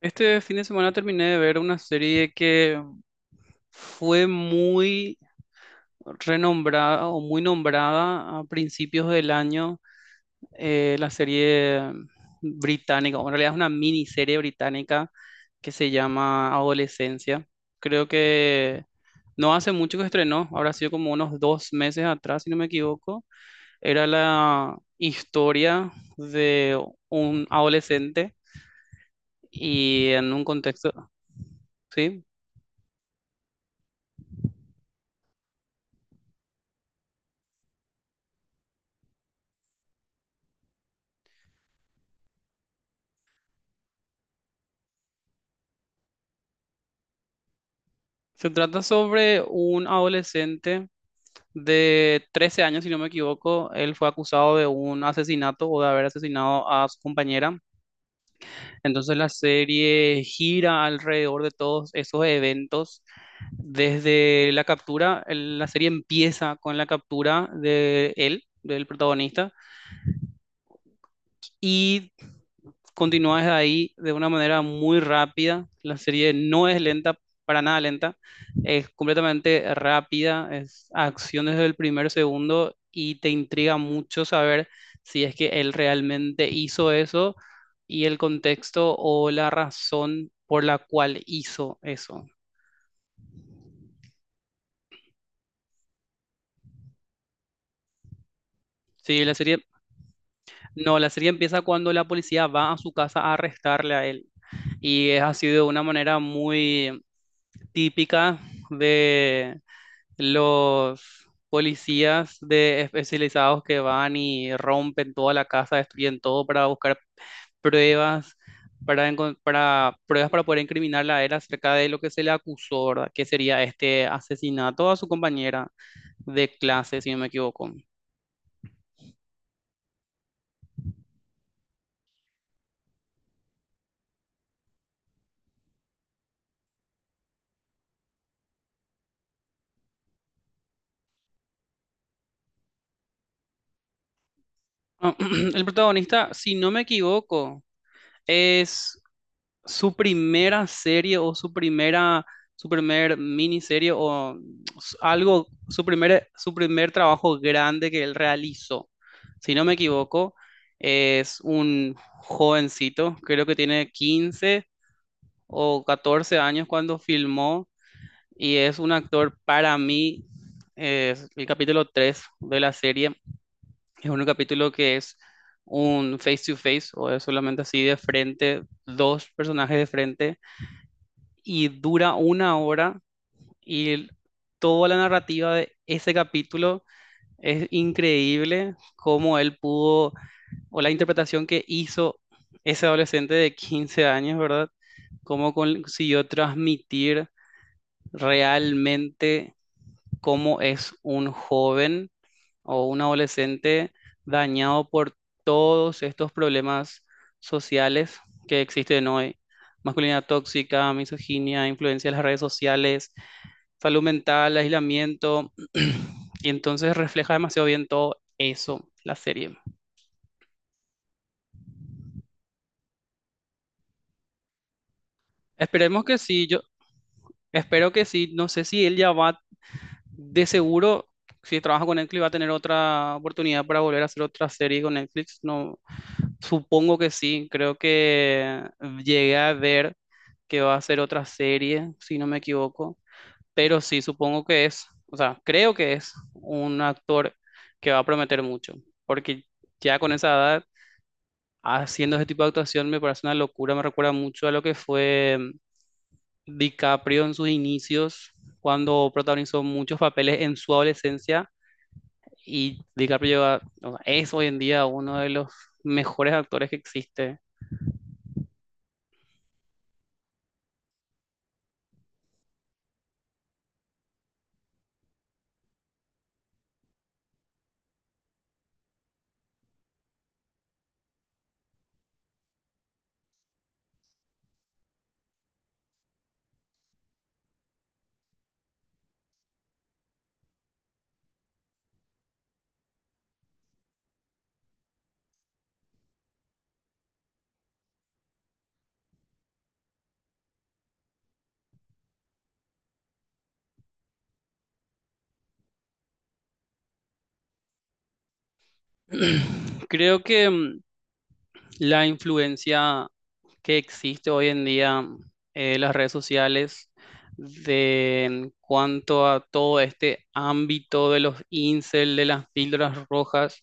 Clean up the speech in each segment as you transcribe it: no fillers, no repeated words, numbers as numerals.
Este fin de semana terminé de ver una serie que fue muy renombrada o muy nombrada a principios del año, la serie británica, o en realidad es una miniserie británica que se llama Adolescencia. Creo que no hace mucho que estrenó, habrá sido como unos dos meses atrás, si no me equivoco. Era la historia de un adolescente y en un contexto, ¿sí? Se trata sobre un adolescente de 13 años, si no me equivoco. Él fue acusado de un asesinato o de haber asesinado a su compañera. Entonces la serie gira alrededor de todos esos eventos. Desde la captura, la serie empieza con la captura de él, del protagonista, y continúas de ahí de una manera muy rápida. La serie no es lenta, para nada lenta, es completamente rápida, es acción desde el primer segundo y te intriga mucho saber si es que él realmente hizo eso y el contexto o la razón por la cual hizo eso. Sí, no, la serie empieza cuando la policía va a su casa a arrestarle a él y es así de una manera muy típica de los policías de especializados que van y rompen toda la casa, destruyen todo para buscar pruebas, para pruebas para poder incriminarla a él acerca de lo que se le acusó, ¿verdad? Que sería este asesinato a su compañera de clase, si no me equivoco. El protagonista, si no me equivoco, es su primera serie o su primera, su primer miniserie o algo, su primer trabajo grande que él realizó. Si no me equivoco, es un jovencito, creo que tiene 15 o 14 años cuando filmó y es un actor para mí, es el capítulo 3 de la serie, es un capítulo que es un face to face o es solamente así de frente, dos personajes de frente y dura una hora y toda la narrativa de ese capítulo es increíble cómo él pudo o la interpretación que hizo ese adolescente de 15 años, ¿verdad? Cómo consiguió transmitir realmente cómo es un joven o un adolescente dañado por todos estos problemas sociales que existen hoy. Masculinidad tóxica, misoginia, influencia de las redes sociales, salud mental, aislamiento. Y entonces refleja demasiado bien todo eso, la serie. Esperemos que sí, yo espero que sí. No sé si él ya va, de seguro, si trabaja con Netflix, va a tener otra oportunidad para volver a hacer otra serie con Netflix. No, supongo que sí, creo que llegué a ver que va a ser otra serie, si no me equivoco, pero sí, supongo que es, o sea, creo que es un actor que va a prometer mucho, porque ya con esa edad, haciendo ese tipo de actuación me parece una locura, me recuerda mucho a lo que fue DiCaprio en sus inicios, cuando protagonizó muchos papeles en su adolescencia, y o sea, es hoy en día uno de los mejores actores que existe. Creo que la influencia que existe hoy en día, las redes sociales, de en cuanto a todo este ámbito de los incel, de las píldoras rojas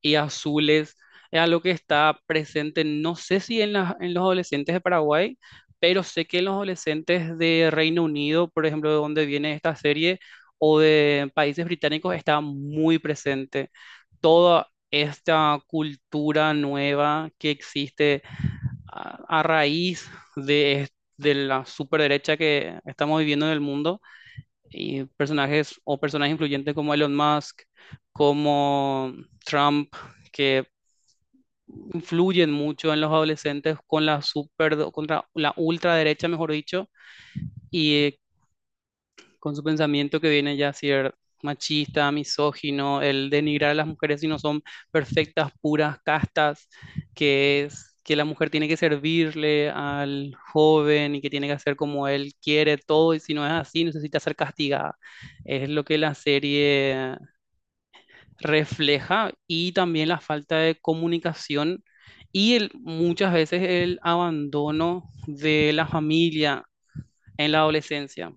y azules, es algo que está presente, no sé si en los adolescentes de Paraguay, pero sé que en los adolescentes de Reino Unido, por ejemplo, de donde viene esta serie, o de países británicos, está muy presente. Todo esta cultura nueva que existe a raíz de la superderecha que estamos viviendo en el mundo y personajes o personajes influyentes como Elon Musk, como Trump, que influyen mucho en los adolescentes con contra la ultraderecha, mejor dicho, y con su pensamiento que viene ya a ser machista, misógino, el denigrar a las mujeres si no son perfectas, puras, castas, que es que la mujer tiene que servirle al joven y que tiene que hacer como él quiere todo y si no es así necesita ser castigada. Es lo que la serie refleja, y también la falta de comunicación y muchas veces el abandono de la familia en la adolescencia.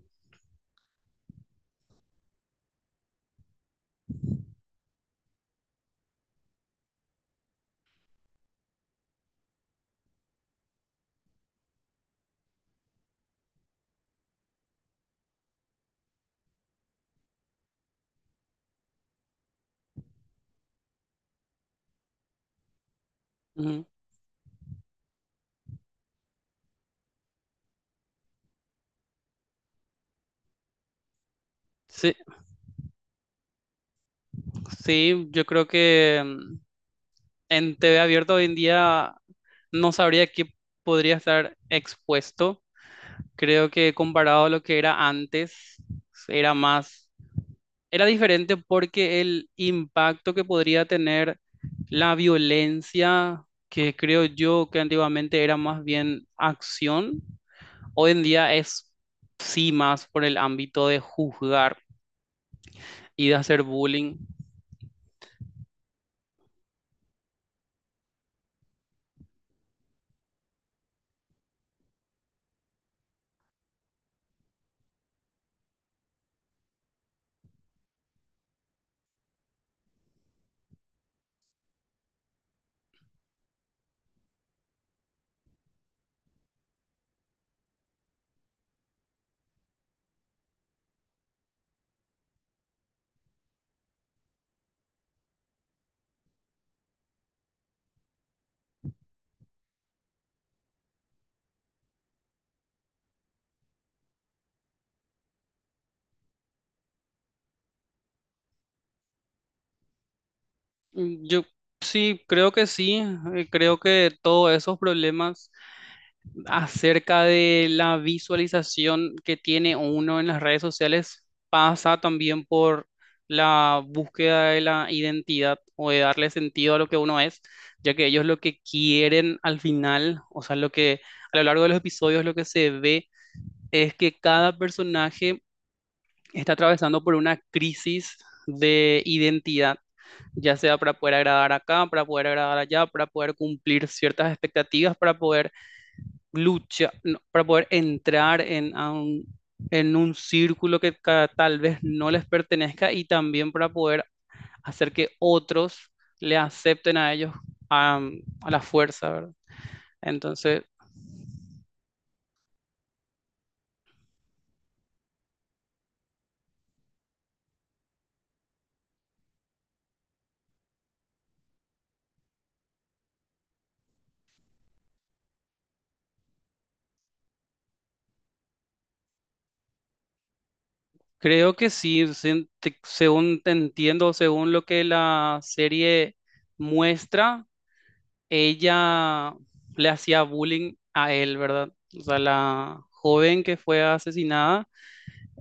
Ujú. Sí, sí, yo creo que en TV abierta hoy en día no sabría qué podría estar expuesto. Creo que comparado a lo que era antes, era más, era diferente porque el impacto que podría tener la violencia, que creo yo que antiguamente era más bien acción, hoy en día es sí más por el ámbito de juzgar y de hacer bullying. Yo sí. Creo que todos esos problemas acerca de la visualización que tiene uno en las redes sociales pasa también por la búsqueda de la identidad o de darle sentido a lo que uno es, ya que ellos lo que quieren al final, o sea, lo que a lo largo de los episodios lo que se ve es que cada personaje está atravesando por una crisis de identidad ya sea para poder agradar acá, para poder agradar allá, para poder cumplir ciertas expectativas, para poder luchar, no, para poder entrar en un círculo que tal vez no les pertenezca y también para poder hacer que otros le acepten a ellos, a la fuerza, ¿verdad? Entonces, creo que sí, según te entiendo, según lo que la serie muestra, ella le hacía bullying a él, ¿verdad? O sea, la joven que fue asesinada,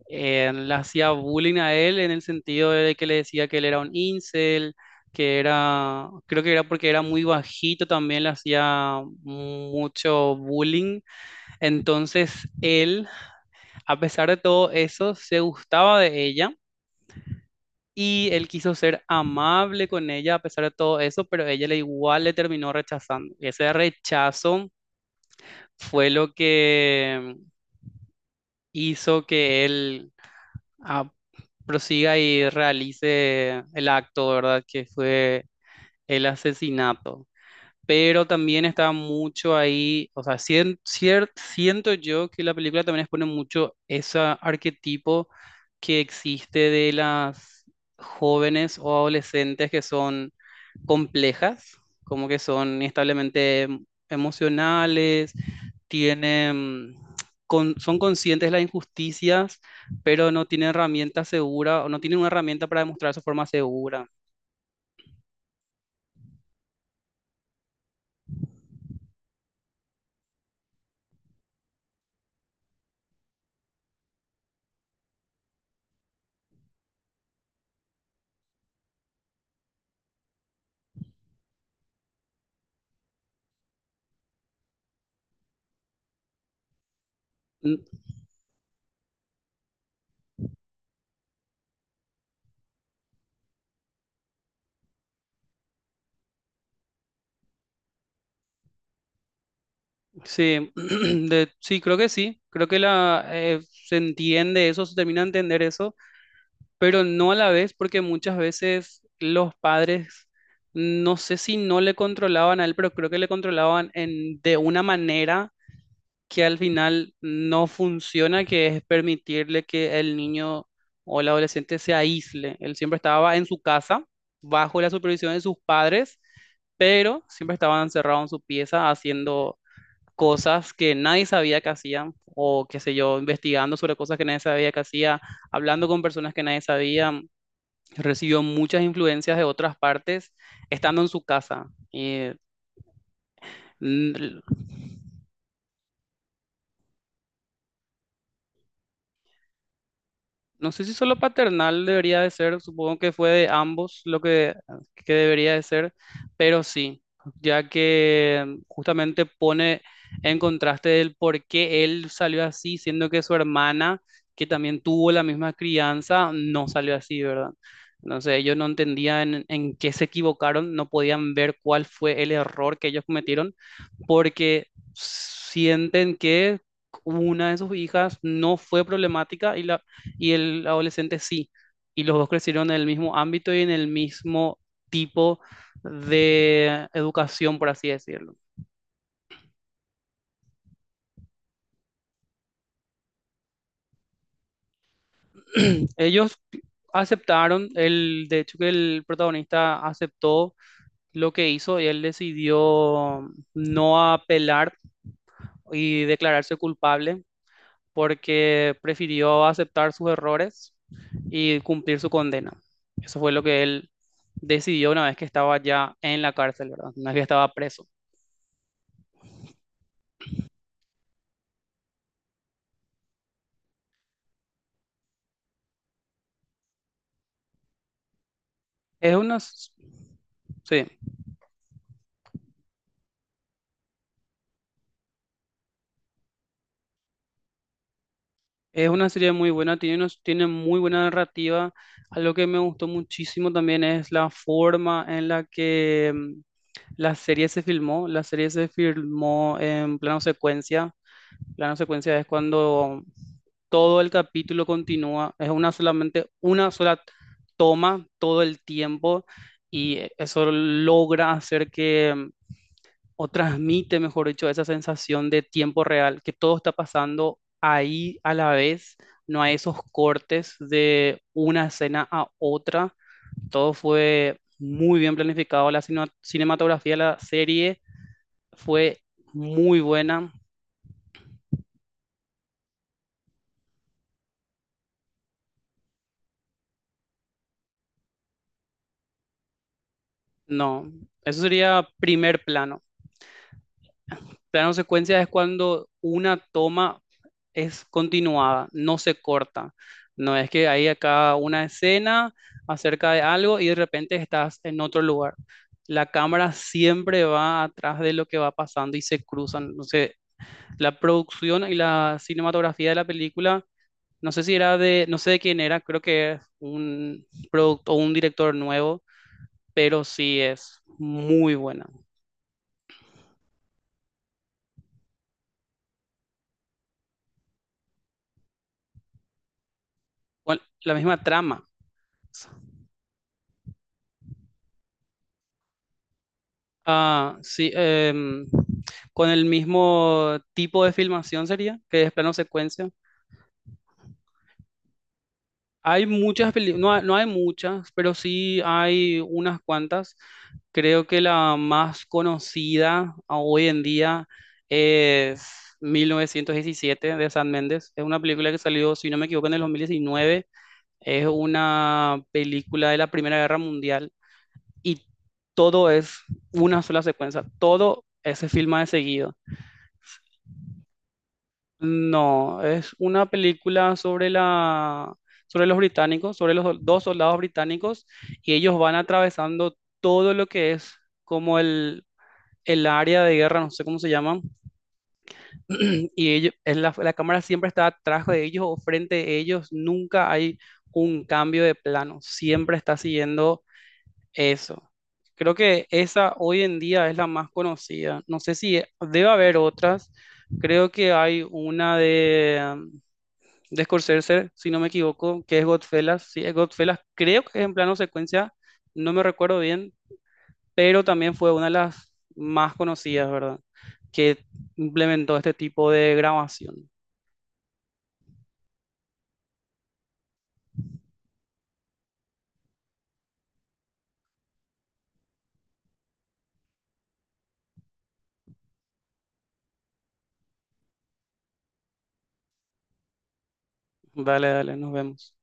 le hacía bullying a él en el sentido de que le decía que él era un incel, creo que era porque era muy bajito, también le hacía mucho bullying. Entonces él, a pesar de todo eso, se gustaba de ella. Y él quiso ser amable con ella a pesar de todo eso, pero ella le igual le terminó rechazando. Y ese rechazo fue lo que hizo que él, ah, prosiga y realice el acto, ¿verdad? Que fue el asesinato, pero también está mucho ahí, o sea, siento yo que la película también expone mucho ese arquetipo que existe de las jóvenes o adolescentes que son complejas, como que son establemente emocionales, tienen, son conscientes de las injusticias, pero no tienen herramientas seguras o no tienen una herramienta para demostrar su forma segura. Sí, sí. Creo que se entiende eso, se termina de entender eso, pero no a la vez, porque muchas veces los padres, no sé si no le controlaban a él, pero creo que le controlaban de una manera que al final no funciona, que es permitirle que el niño o el adolescente se aísle. Él siempre estaba en su casa, bajo la supervisión de sus padres, pero siempre estaba encerrado en su pieza haciendo cosas que nadie sabía que hacían, o qué sé yo, investigando sobre cosas que nadie sabía que hacía, hablando con personas que nadie sabía, recibió muchas influencias de otras partes, estando en su casa. Y mm, no sé si solo paternal debería de ser, supongo que fue de ambos lo que debería de ser, pero sí, ya que justamente pone en contraste el por qué él salió así, siendo que su hermana, que también tuvo la misma crianza, no salió así, ¿verdad? Entonces ellos no entendían en qué se equivocaron, no podían ver cuál fue el error que ellos cometieron, porque sienten que... una de sus hijas no fue problemática y el adolescente sí. Y los dos crecieron en el mismo ámbito y en el mismo tipo de educación, por así decirlo. Ellos aceptaron, de hecho que el protagonista aceptó lo que hizo y él decidió no apelar y declararse culpable porque prefirió aceptar sus errores y cumplir su condena. Eso fue lo que él decidió una vez que estaba ya en la cárcel, ¿verdad? Una vez que estaba preso. Es una, s- sí, es una serie muy buena, tiene muy buena narrativa. Algo que me gustó muchísimo también es la forma en la que, la serie se filmó. La serie se filmó en plano secuencia. Plano secuencia es cuando todo el capítulo continúa, es una solamente una sola toma todo el tiempo y eso logra hacer que, o transmite, mejor dicho, esa sensación de tiempo real, que todo está pasando ahí a la vez, no hay esos cortes de una escena a otra, todo fue muy bien planificado, la cinematografía de la serie fue muy buena. No, eso sería primer plano. Plano secuencia es cuando una toma es continuada, no se corta. No es que hay acá una escena acerca de algo y de repente estás en otro lugar. La cámara siempre va atrás de lo que va pasando y se cruzan. Entonces, la producción y la cinematografía de la película, no sé si era no sé de quién era, creo que es un producto o un director nuevo, pero sí es muy buena. Bueno, la misma trama. Ah, sí, con el mismo tipo de filmación sería, que es plano secuencia. Hay muchas películas, no, no hay muchas, pero sí hay unas cuantas. Creo que la más conocida, hoy en día, es 1917 de San Méndez. Es una película que salió, si no me equivoco, en el 2019. Es una película de la Primera Guerra Mundial y todo es una sola secuencia. Todo se filma de seguido. No, es una película sobre la, sobre los británicos, sobre los dos soldados británicos, y ellos van atravesando todo lo que es como el área de guerra, no sé cómo se llaman, y ellos, la cámara siempre está atrás de ellos o frente de ellos, nunca hay un cambio de plano, siempre está siguiendo eso. Creo que esa hoy en día es la más conocida. No sé si debe haber otras. Creo que hay una de Scorsese, si no me equivoco, que es Godfellas. Sí, es Godfellas. Creo que es en plano secuencia, no me recuerdo bien, pero también fue una de las más conocidas, ¿verdad? Que implementó este tipo de grabación. Dale, dale, nos vemos.